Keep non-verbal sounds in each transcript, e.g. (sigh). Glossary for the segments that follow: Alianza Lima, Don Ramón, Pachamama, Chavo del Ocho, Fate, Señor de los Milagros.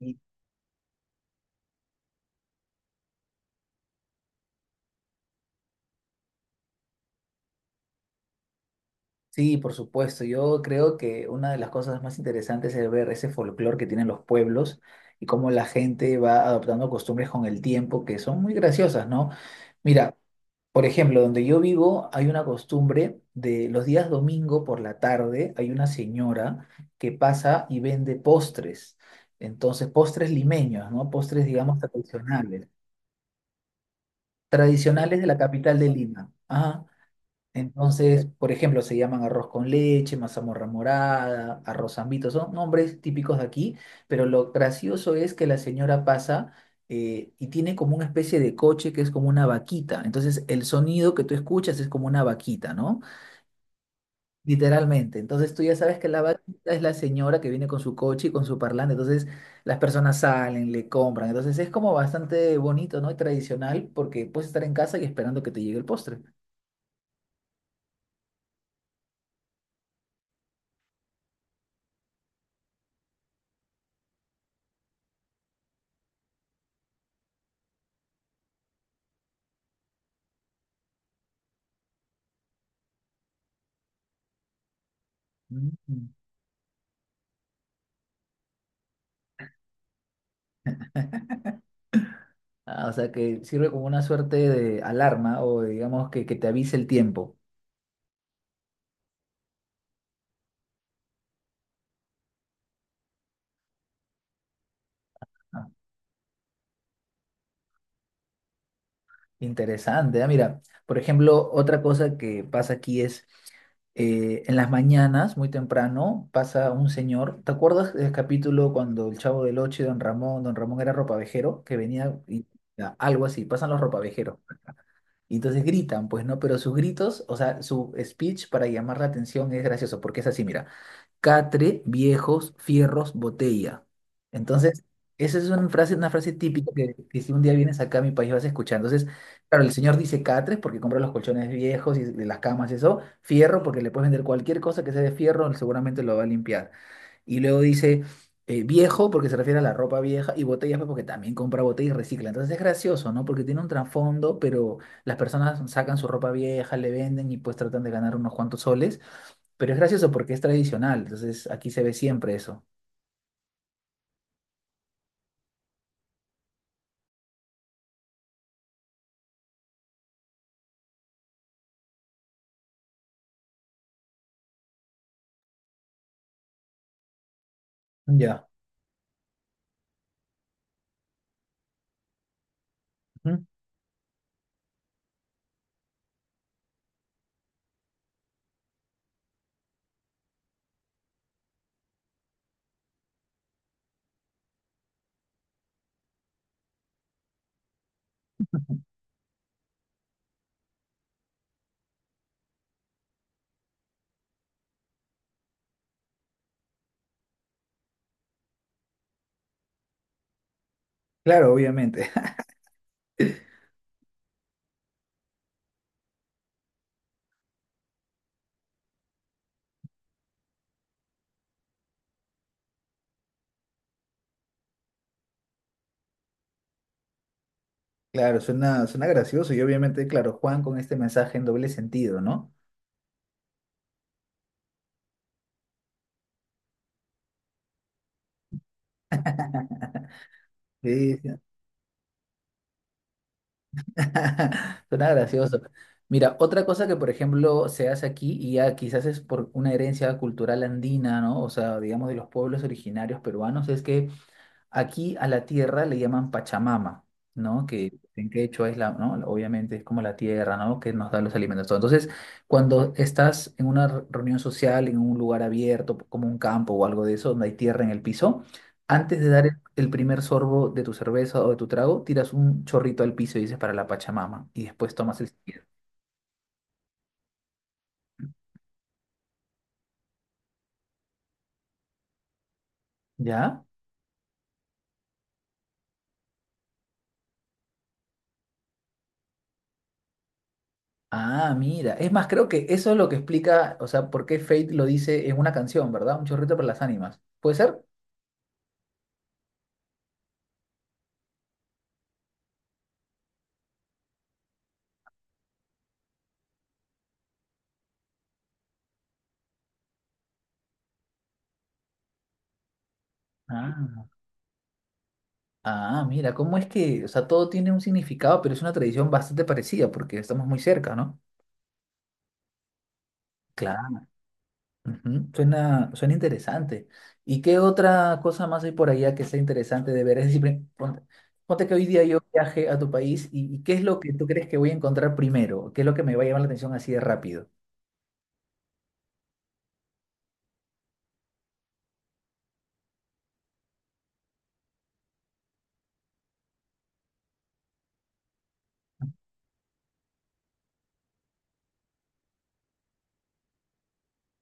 Y- Sí, por supuesto. Yo creo que una de las cosas más interesantes es ver ese folclore que tienen los pueblos y cómo la gente va adoptando costumbres con el tiempo que son muy graciosas, ¿no? Mira, por ejemplo, donde yo vivo hay una costumbre de los días domingo. Por la tarde hay una señora que pasa y vende postres. Entonces, postres limeños, ¿no? Postres, digamos, tradicionales. Tradicionales de la capital de Lima. Ajá. Entonces, por ejemplo, se llaman arroz con leche, mazamorra morada, arroz zambito, son nombres típicos de aquí, pero lo gracioso es que la señora pasa y tiene como una especie de coche que es como una vaquita. Entonces, el sonido que tú escuchas es como una vaquita, ¿no? Literalmente. Entonces, tú ya sabes que la vaquita es la señora que viene con su coche y con su parlante. Entonces, las personas salen, le compran. Entonces, es como bastante bonito, ¿no? Y tradicional porque puedes estar en casa y esperando que te llegue el postre. Mm. Ah, o sea, que sirve como una suerte de alarma o digamos que te avise el tiempo. Ah, interesante. Ah, mira, por ejemplo, otra cosa que pasa aquí es en las mañanas, muy temprano, pasa un señor. ¿Te acuerdas del capítulo cuando el Chavo del Ocho y Don Ramón, Don Ramón era ropavejero, que venía y ya, algo así, pasan los ropavejeros. Y entonces gritan, pues, ¿no? Pero sus gritos, o sea, su speech para llamar la atención es gracioso, porque es así, mira. Catre, viejos, fierros, botella. Entonces, esa es una frase típica que si un día vienes acá a mi país vas a escuchar. Entonces, claro, el señor dice catres porque compra los colchones viejos y de las camas y eso, fierro porque le puedes vender cualquier cosa que sea de fierro, él seguramente lo va a limpiar. Y luego dice viejo porque se refiere a la ropa vieja y botellas pues, porque también compra botellas y recicla. Entonces es gracioso, ¿no? Porque tiene un trasfondo, pero las personas sacan su ropa vieja, le venden y pues tratan de ganar unos cuantos soles. Pero es gracioso porque es tradicional. Entonces aquí se ve siempre eso. Ya. Ujú. Claro, obviamente. (laughs) Claro, suena, suena gracioso y obviamente, claro, Juan con este mensaje en doble sentido, ¿no? Sí, (laughs) suena gracioso. Mira, otra cosa que, por ejemplo, se hace aquí y ya quizás es por una herencia cultural andina, ¿no? O sea, digamos de los pueblos originarios peruanos, es que aquí a la tierra le llaman Pachamama, ¿no? Que en hecho es la, ¿no? Obviamente es como la tierra, ¿no? Que nos da los alimentos, todo. Entonces, cuando estás en una reunión social, en un lugar abierto, como un campo o algo de eso, donde hay tierra en el piso, antes de dar el primer sorbo de tu cerveza o de tu trago, tiras un chorrito al piso y dices para la Pachamama, y después tomas el siguiente. ¿Ya? Ah, mira. Es más, creo que eso es lo que explica, o sea, por qué Fate lo dice en una canción, ¿verdad? Un chorrito para las ánimas. ¿Puede ser? Ah. Ah, mira, ¿cómo es que, o sea, todo tiene un significado, pero es una tradición bastante parecida porque estamos muy cerca, ¿no? Claro. Ujú, suena, suena interesante. ¿Y qué otra cosa más hay por allá que sea interesante de ver? Es decir, ponte, ponte que hoy día yo viaje a tu país y ¿qué es lo que tú crees que voy a encontrar primero? ¿Qué es lo que me va a llamar la atención así de rápido?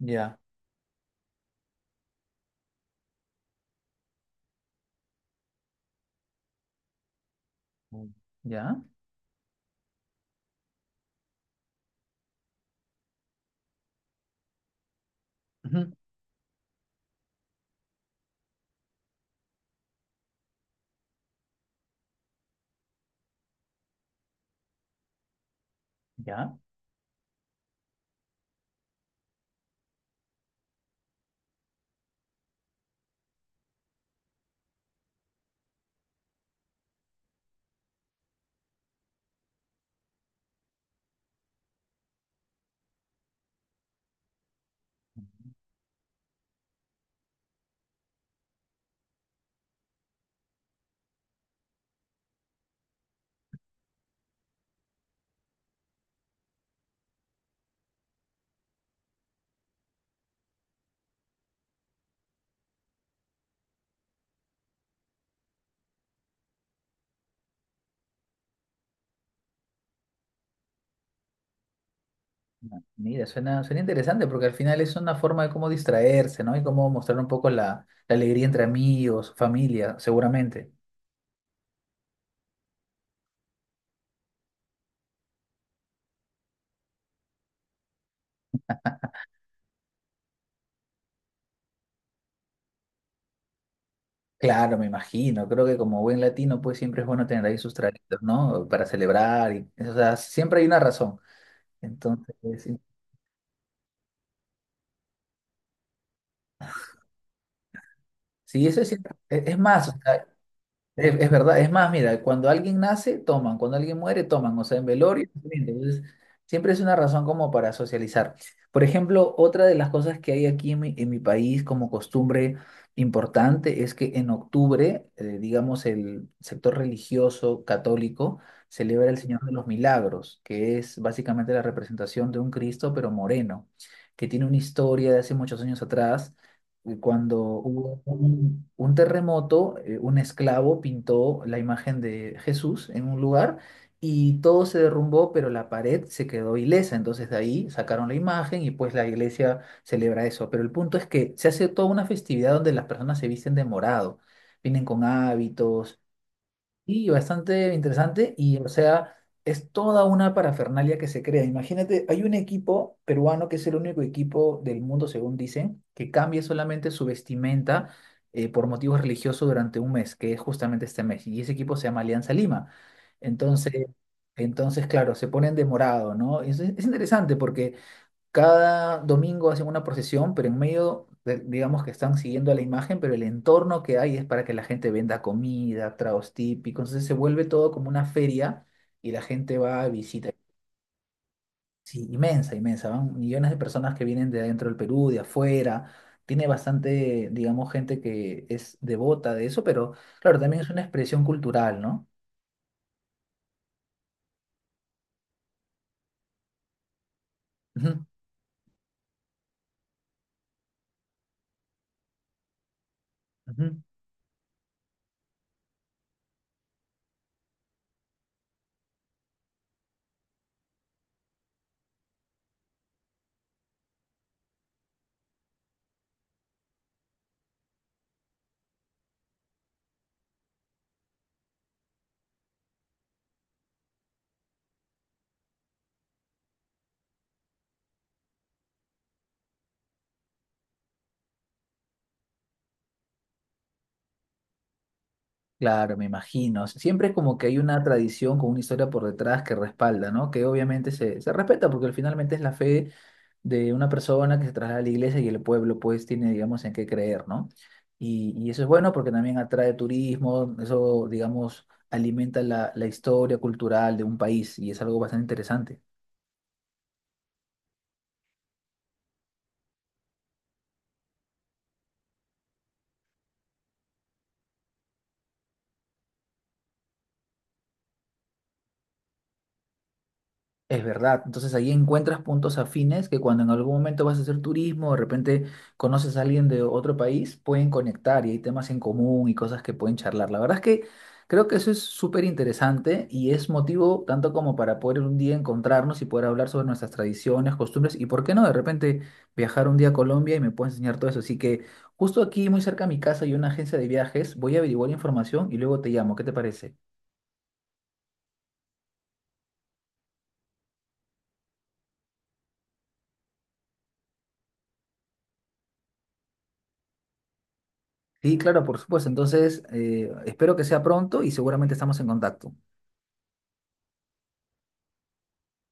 Ya. Mm. Ya, ujú, ya. Mira, suena, suena interesante porque al final es una forma de cómo distraerse, ¿no? Y cómo mostrar un poco la, la alegría entre amigos, familia, seguramente. Claro, me imagino. Creo que como buen latino, pues siempre es bueno tener ahí sus traguitos, ¿no? Para celebrar. Y, o sea, siempre hay una razón. Entonces, sí, sí, eso es cierto. Es más, o sea, es verdad, es más, mira, cuando alguien nace, toman, cuando alguien muere, toman, o sea, en velorio, también, entonces, siempre es una razón como para socializar. Por ejemplo, otra de las cosas que hay aquí en mi país como costumbre importante es que en octubre, digamos, el sector religioso católico celebra el Señor de los Milagros, que es básicamente la representación de un Cristo, pero moreno, que tiene una historia de hace muchos años atrás cuando hubo un terremoto, un esclavo pintó la imagen de Jesús en un lugar y todo se derrumbó, pero la pared se quedó ilesa. Entonces de ahí sacaron la imagen y pues la iglesia celebra eso. Pero el punto es que se hace toda una festividad donde las personas se visten de morado, vienen con hábitos y bastante interesante y, o sea, es toda una parafernalia que se crea. Imagínate, hay un equipo peruano que es el único equipo del mundo, según dicen, que cambia solamente su vestimenta por motivos religiosos durante un mes, que es justamente este mes. Y ese equipo se llama Alianza Lima. Entonces, entonces, claro, se ponen de morado, ¿no? Es interesante porque cada domingo hacen una procesión, pero en medio, digamos que están siguiendo a la imagen, pero el entorno que hay es para que la gente venda comida, tragos típicos. Entonces se vuelve todo como una feria y la gente va a visita. Sí, inmensa, inmensa. Van millones de personas que vienen de adentro del Perú, de afuera. Tiene bastante, digamos, gente que es devota de eso, pero claro, también es una expresión cultural, ¿no? Ujú, ujú. Claro, me imagino. Siempre como que hay una tradición con una historia por detrás que respalda, ¿no? Que obviamente se respeta porque al finalmente es la fe de una persona que se traslada a la iglesia y el pueblo pues tiene, digamos, en qué creer, ¿no? Y eso es bueno porque también atrae turismo, eso, digamos, alimenta la, la historia cultural de un país y es algo bastante interesante. Es verdad, entonces ahí encuentras puntos afines que cuando en algún momento vas a hacer turismo, de repente conoces a alguien de otro país, pueden conectar y hay temas en común y cosas que pueden charlar. La verdad es que creo que eso es súper interesante y es motivo tanto como para poder un día encontrarnos y poder hablar sobre nuestras tradiciones, costumbres y por qué no de repente viajar un día a Colombia y me puedes enseñar todo eso. Así que justo aquí muy cerca de mi casa hay una agencia de viajes, voy a averiguar información y luego te llamo, ¿qué te parece? Sí, claro, por supuesto. Entonces, espero que sea pronto y seguramente estamos en contacto.